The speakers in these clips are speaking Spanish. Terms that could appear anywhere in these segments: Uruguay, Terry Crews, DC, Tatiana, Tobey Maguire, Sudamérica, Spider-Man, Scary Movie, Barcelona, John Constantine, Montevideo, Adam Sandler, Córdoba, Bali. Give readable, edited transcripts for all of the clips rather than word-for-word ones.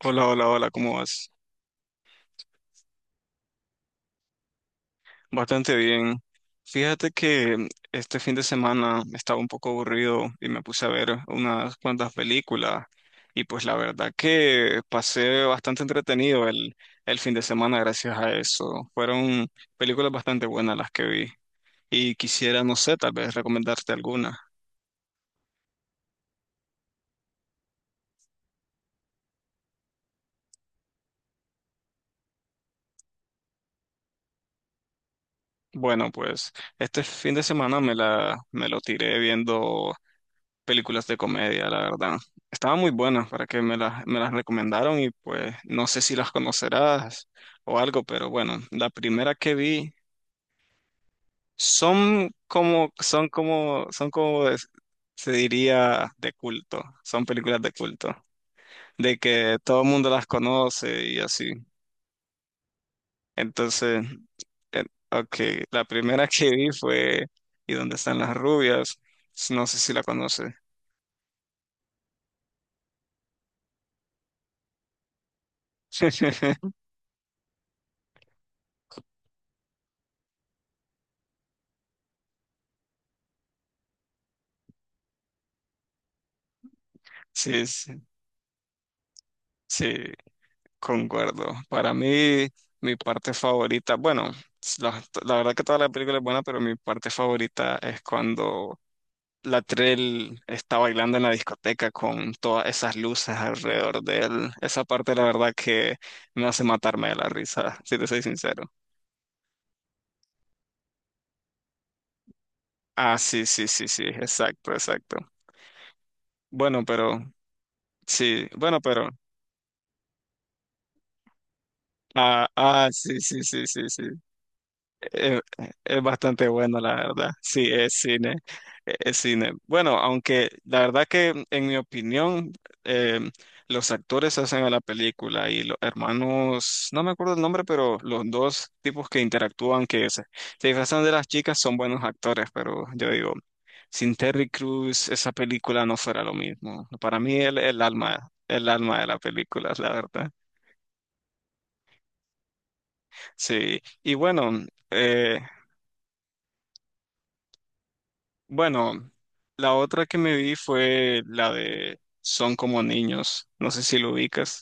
Hola, hola, hola, ¿cómo vas? Bastante bien. Fíjate que este fin de semana estaba un poco aburrido y me puse a ver unas cuantas películas y pues la verdad que pasé bastante entretenido el fin de semana gracias a eso. Fueron películas bastante buenas las que vi y quisiera, no sé, tal vez recomendarte alguna. Bueno, pues este fin de semana me lo tiré viendo películas de comedia, la verdad. Estaban muy buenas para que me las recomendaron y pues no sé si las conocerás o algo, pero bueno, la primera que vi son como, se diría, de culto, son películas de culto, de que todo el mundo las conoce y así. Entonces, eh, ok, la primera que vi fue ¿Y dónde están las rubias? No sé si la conoces. Sí, sí, sí. Concuerdo. Para mí, mi parte favorita, bueno, la verdad que toda la película es buena, pero mi parte favorita es cuando Latrell está bailando en la discoteca con todas esas luces alrededor de él. Esa parte, la verdad, que me hace matarme de la risa, si te soy sincero. Ah, sí, sí, sí, sí, exacto, exacto. Bueno, pero, sí, bueno, pero, ah, ah, sí, sí, sí, sí, sí. Eh, Es bastante bueno, la verdad. Sí, es cine. Es cine. Bueno, aunque la verdad que en mi opinión, eh, los actores hacen a la película y los hermanos, no me acuerdo el nombre, pero los dos tipos que interactúan, que se disfrazan de las chicas, son buenos actores, pero yo digo, sin Terry Crews, esa película no fuera lo mismo. Para mí, el alma, el alma de la película, la verdad. Sí. Y bueno. eh, Bueno, la otra que me vi fue la de Son como niños. No sé si lo ubicas.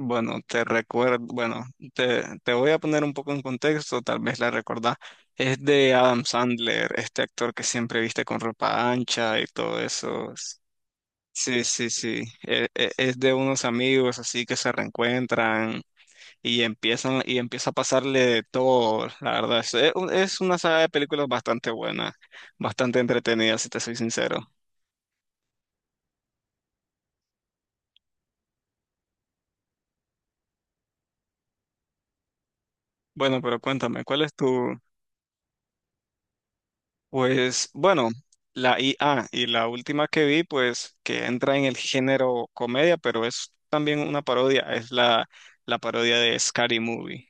Bueno, te recuerdo, bueno, te voy a poner un poco en contexto, tal vez la recordás. Es de Adam Sandler, este actor que siempre viste con ropa ancha y todo eso. Sí, sí, sí. Es de unos amigos así que se reencuentran y empieza a pasarle de todo, la verdad. Es una saga de películas bastante buena, bastante entretenida, si te soy sincero. Bueno, pero cuéntame, pues, bueno, la IA y la última que vi, pues, que entra en el género comedia, pero es también una parodia, es la parodia de Scary Movie.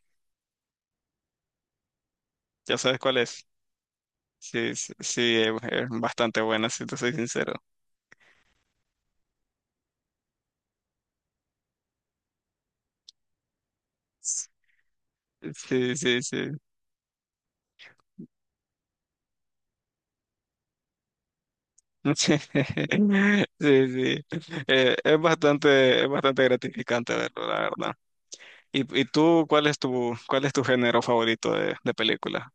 ¿Ya sabes cuál es? Sí, sí, sí, es bastante buena, si te soy sincero. Sí, sí, sí. Sí, sí. Es bastante, gratificante verlo, la verdad. ¿Y tú, cuál es tu género favorito de película?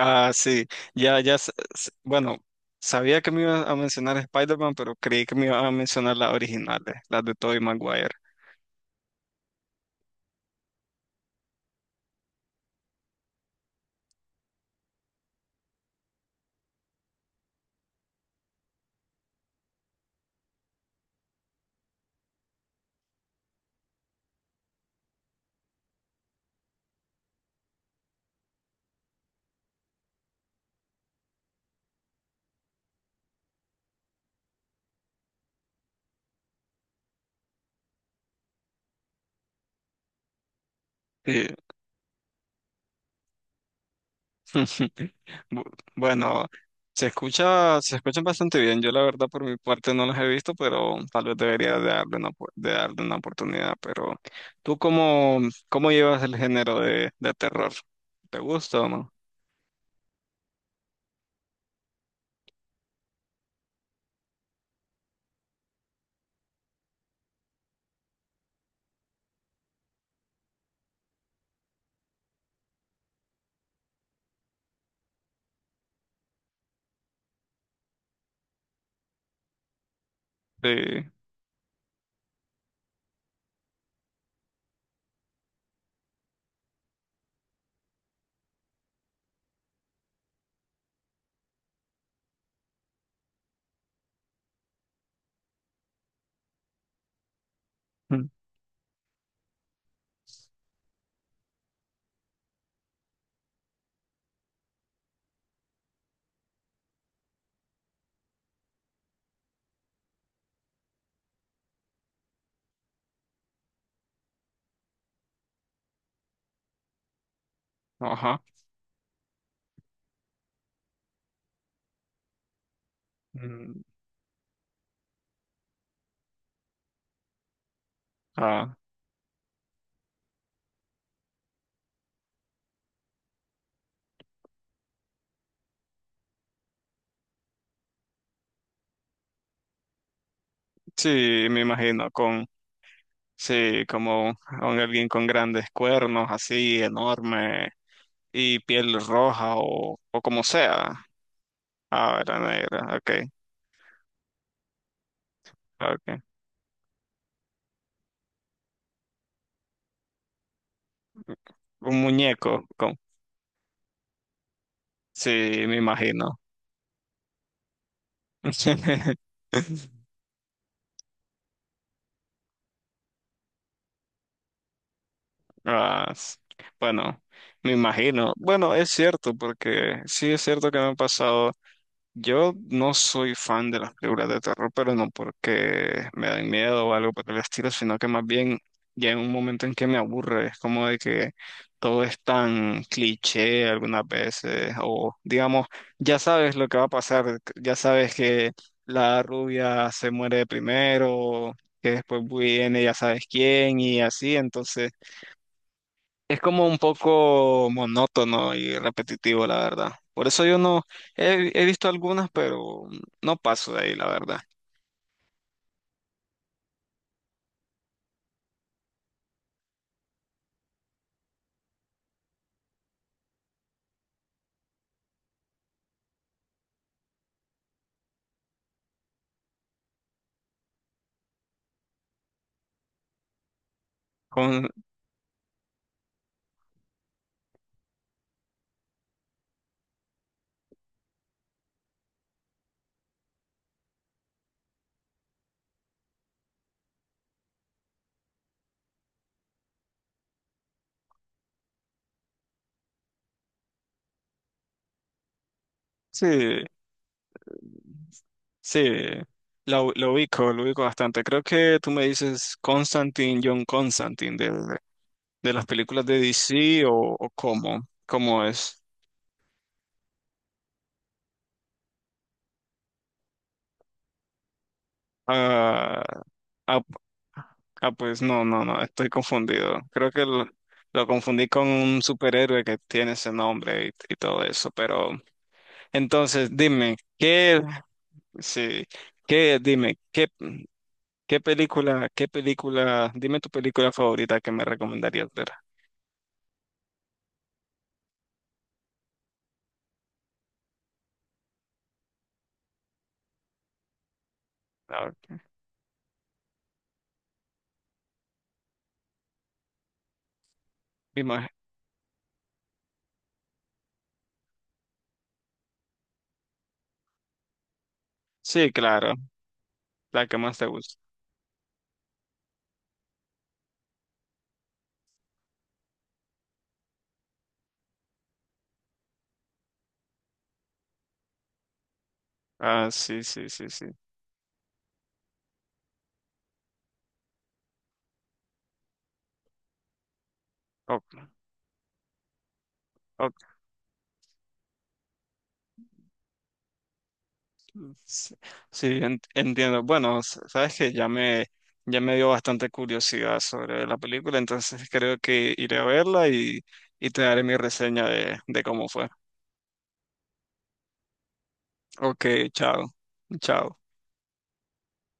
Ah, sí, ya, ya, bueno, sabía que me ibas a mencionar Spider-Man, pero creí que me ibas a mencionar las originales, las de Tobey Maguire. Bu- Bueno, se escuchan bastante bien. Yo la verdad por mi parte no los he visto, pero tal vez debería de darle una oportunidad. Pero ¿tú cómo llevas el género de terror? ¿Te gusta o no? Sí. Mm. Ajá. Mm, ah, sí, me imagino sí, como con alguien con grandes cuernos, así enorme y piel roja o como sea. Ah, era negra. Ok, ok. Un muñeco. Sí, me imagino. Ah, bueno, me imagino. Bueno, es cierto, porque sí es cierto que me han pasado. Yo no soy fan de las películas de terror, pero no porque me dan miedo o algo por el estilo, sino que más bien ya en un momento en que me aburre, es como de que todo es tan cliché algunas veces, o digamos, ya sabes lo que va a pasar, ya sabes que la rubia se muere primero, que después viene ya sabes quién y así, entonces es como un poco monótono y repetitivo, la verdad. Por eso yo no he visto algunas, pero no paso de ahí, la verdad. Con, sí, sí, lo ubico, lo ubico bastante. Creo que tú me dices Constantine, John Constantine, de las películas de DC o cómo es. Ah, ah, ah, pues no, no, no, estoy confundido. Creo que lo confundí con un superhéroe que tiene ese nombre y todo eso. Pero entonces, dime, sí, qué, dime, qué, qué película, ¿dime tu película favorita que me recomendarías ver? A ver, dime. Sí, claro, la que más te gusta. Ah, sí, sí, sí, sí. O- Sí, sí, entiendo. Bueno, sabes que ya me dio bastante curiosidad sobre la película, entonces creo que iré a verla y te daré mi reseña de cómo fue. Ok, chao. Chao.